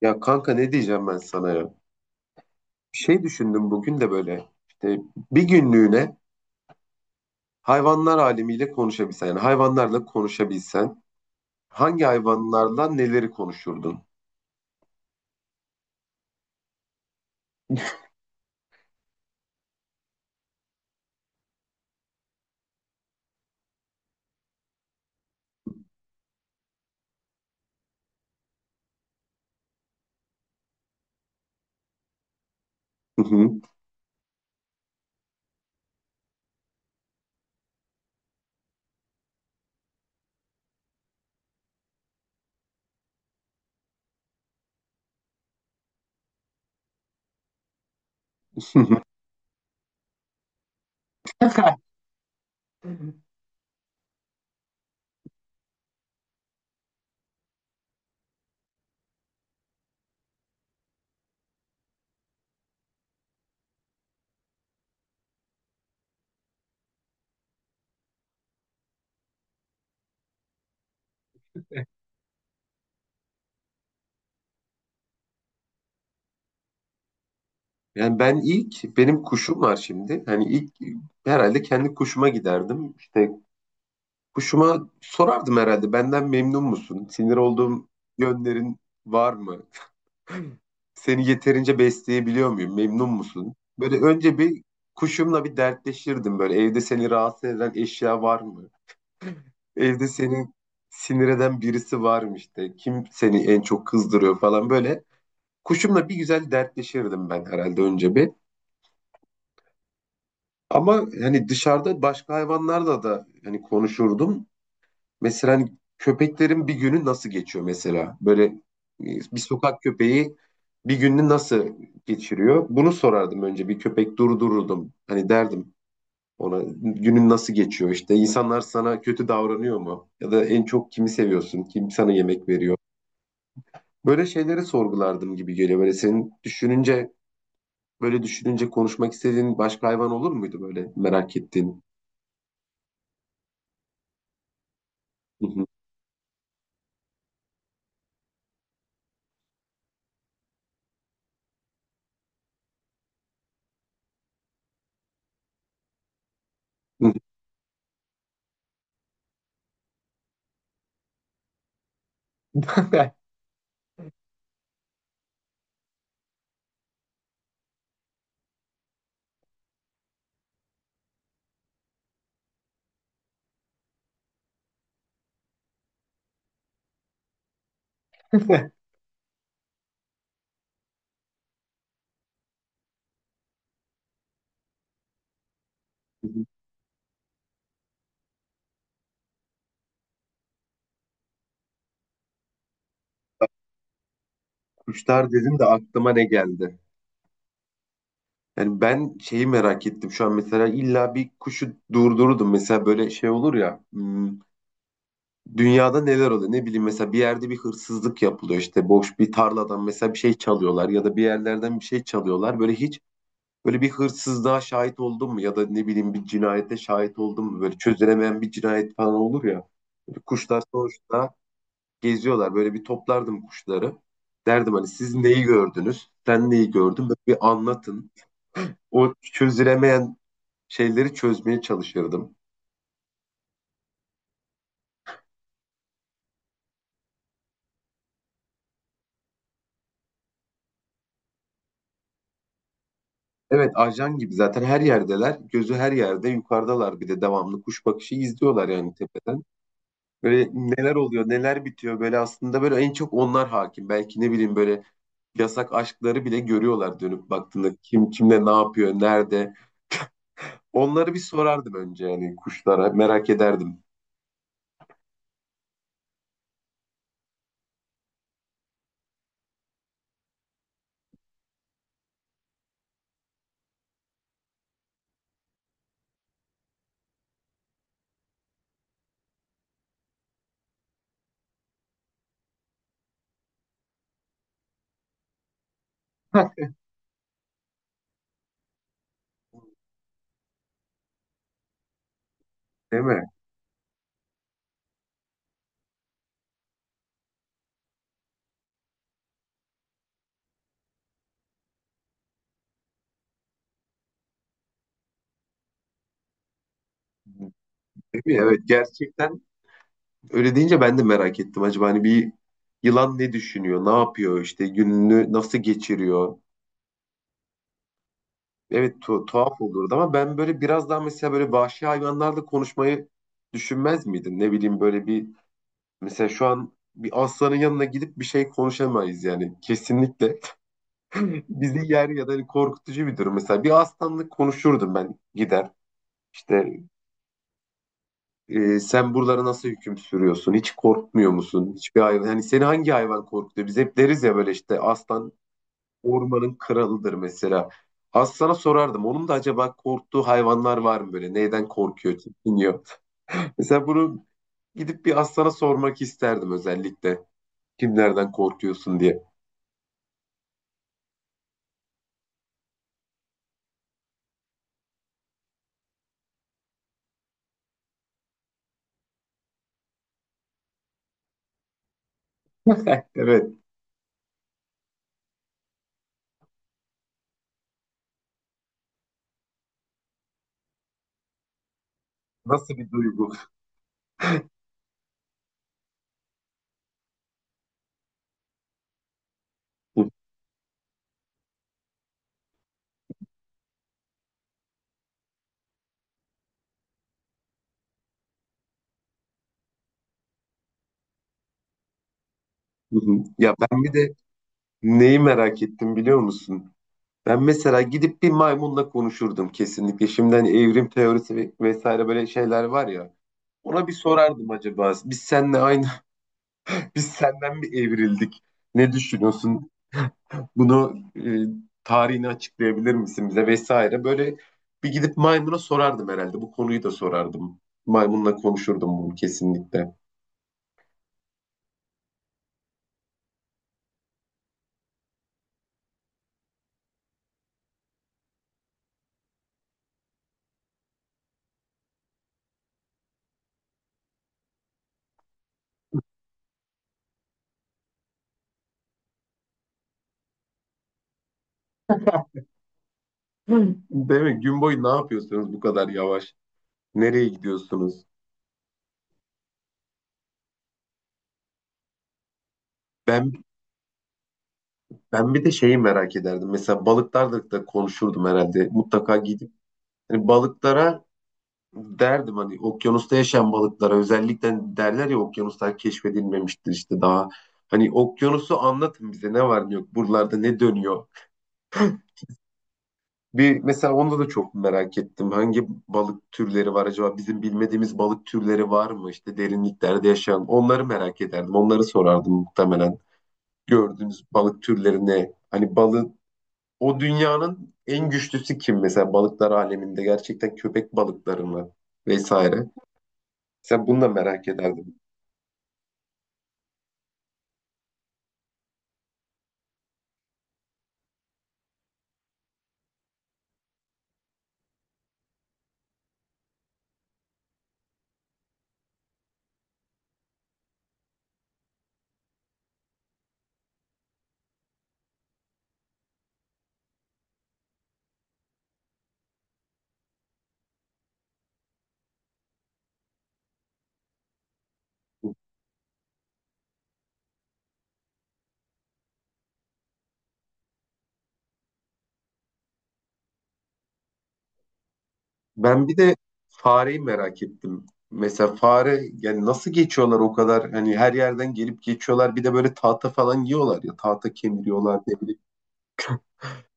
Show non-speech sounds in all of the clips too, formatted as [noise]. Ya kanka ne diyeceğim ben sana ya? Bir şey düşündüm bugün de böyle işte bir günlüğüne hayvanlar alemiyle konuşabilsen, yani hayvanlarla konuşabilsen hangi hayvanlarla neleri konuşurdun? Hı hı. [laughs] Yani ben ilk, benim kuşum var şimdi. Hani ilk herhalde kendi kuşuma giderdim. İşte kuşuma sorardım herhalde, benden memnun musun? Sinir olduğum yönlerin var mı? Seni yeterince besleyebiliyor muyum? Memnun musun? Böyle önce bir kuşumla bir dertleşirdim böyle. Evde seni rahatsız eden eşya var mı? Evde seni sinir eden birisi var mı işte? Kim seni en çok kızdırıyor falan böyle. Kuşumla bir güzel dertleşirdim ben herhalde önce bir. Ama hani dışarıda başka hayvanlarla da hani konuşurdum. Mesela hani köpeklerin bir günü nasıl geçiyor mesela? Böyle bir sokak köpeği bir gününü nasıl geçiriyor? Bunu sorardım, önce bir köpek durdururdum. Hani derdim ona, günün nasıl geçiyor, işte insanlar sana kötü davranıyor mu? Ya da en çok kimi seviyorsun? Kim sana yemek veriyor? Böyle şeyleri sorgulardım gibi geliyor. Böyle senin düşününce, böyle düşününce konuşmak istediğin başka hayvan olur muydu böyle merak ettiğin? [laughs] Kuşlar dedim de aklıma ne geldi? Yani ben şeyi merak ettim şu an. Mesela illa bir kuşu durdururdum, mesela böyle şey olur ya, hmm, dünyada neler oluyor ne bileyim, mesela bir yerde bir hırsızlık yapılıyor, işte boş bir tarladan mesela bir şey çalıyorlar ya da bir yerlerden bir şey çalıyorlar, böyle hiç böyle bir hırsızlığa şahit oldun mu, ya da ne bileyim bir cinayete şahit oldun mu, böyle çözülemeyen bir cinayet falan olur ya. Böyle kuşlar sonuçta geziyorlar, böyle bir toplardım kuşları, derdim hani siz neyi gördünüz, sen neyi gördün, böyle bir anlatın o çözülemeyen şeyleri, çözmeye çalışırdım. Evet, ajan gibi zaten her yerdeler. Gözü her yerde, yukarıdalar, bir de devamlı kuş bakışı izliyorlar yani tepeden. Böyle neler oluyor neler bitiyor, böyle aslında böyle en çok onlar hakim. Belki ne bileyim, böyle yasak aşkları bile görüyorlar dönüp baktığında, kim kimle ne yapıyor nerede. Onları bir sorardım önce, yani kuşlara merak ederdim. Değil mi? Değil mi? Evet, gerçekten öyle deyince ben de merak ettim. Acaba hani bir yılan ne düşünüyor, ne yapıyor, işte gününü nasıl geçiriyor? Evet, tuhaf olurdu, ama ben böyle biraz daha mesela böyle vahşi hayvanlarla konuşmayı düşünmez miydin? Ne bileyim, böyle bir, mesela şu an bir aslanın yanına gidip bir şey konuşamayız yani kesinlikle. [laughs] Bizi yer, ya da hani korkutucu bir durum. Mesela bir aslanla konuşurdum, ben gider işte, sen buralara nasıl hüküm sürüyorsun? Hiç korkmuyor musun? Hiçbir hayvan hani, seni hangi hayvan korkutuyor? Biz hep deriz ya böyle, işte aslan ormanın kralıdır mesela. Aslan'a sorardım. Onun da acaba korktuğu hayvanlar var mı böyle? Neyden korkuyor, çekiniyor? [laughs] Mesela bunu gidip bir aslana sormak isterdim özellikle. Kimlerden korkuyorsun diye. Evet, nasıl bir duygu? [laughs] Ya ben bir de neyi merak ettim biliyor musun? Ben mesela gidip bir maymunla konuşurdum kesinlikle. Şimdi hani evrim teorisi vesaire böyle şeyler var ya. Ona bir sorardım acaba. Biz seninle aynı, [laughs] biz senden mi evrildik? Ne düşünüyorsun? Bunu, tarihini açıklayabilir misin bize, vesaire. Böyle bir gidip maymuna sorardım herhalde. Bu konuyu da sorardım. Maymunla konuşurdum bunu kesinlikle. Hı. Değil mi? Gün boyu ne yapıyorsunuz bu kadar yavaş? Nereye gidiyorsunuz? Ben ben bir de şeyi merak ederdim. Mesela balıklarla da konuşurdum herhalde. Mutlaka gidip hani balıklara derdim, hani okyanusta yaşayan balıklara özellikle, derler ya okyanuslar keşfedilmemiştir işte daha. Hani okyanusu anlatın bize, ne var ne yok buralarda, ne dönüyor. Bir mesela onda da çok merak ettim. Hangi balık türleri var acaba? Bizim bilmediğimiz balık türleri var mı? İşte derinliklerde yaşayan. Onları merak ederdim. Onları sorardım muhtemelen. Gördüğünüz balık türleri ne? Hani balık o dünyanın en güçlüsü kim mesela balıklar aleminde? Gerçekten köpek balıkları mı? Vesaire. Mesela bunu da merak ederdim. Ben bir de fareyi merak ettim. Mesela fare, yani nasıl geçiyorlar o kadar, hani her yerden gelip geçiyorlar, bir de böyle tahta falan yiyorlar ya, tahta kemiriyorlar ne bileyim.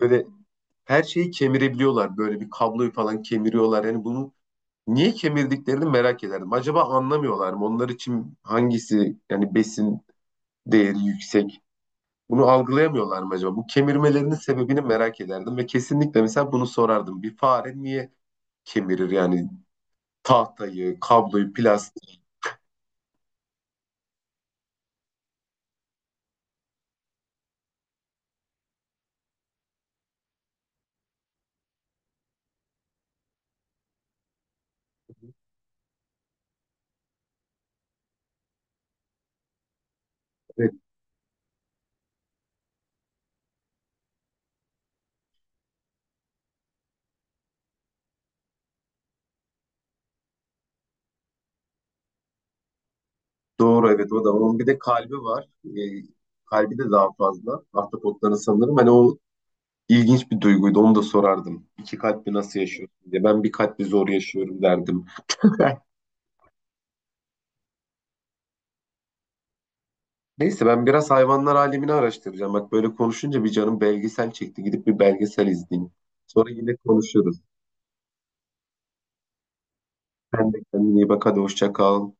Böyle her şeyi kemirebiliyorlar, böyle bir kabloyu falan kemiriyorlar, yani bunu niye kemirdiklerini merak ederdim. Acaba anlamıyorlar mı? Onlar için hangisi yani besin değeri yüksek? Bunu algılayamıyorlar mı acaba? Bu kemirmelerinin sebebini merak ederdim ve kesinlikle mesela bunu sorardım. Bir fare niye kemirir yani tahtayı, kabloyu, plastiği? Evet, doğru, evet o da. Onun bir de kalbi var. Ee, Kalbi de daha fazla. Ahtapotların sanırım. Hani o ilginç bir duyguydu. Onu da sorardım. İki kalpli nasıl yaşıyorsun diye. Ben bir kalpli zor yaşıyorum derdim. [laughs] Neyse, ben biraz hayvanlar alemini araştıracağım. Bak böyle konuşunca bir canım belgesel çekti. Gidip bir belgesel izleyeyim. Sonra yine konuşuruz. Sen de kendine iyi bak. Hadi hoşça kal.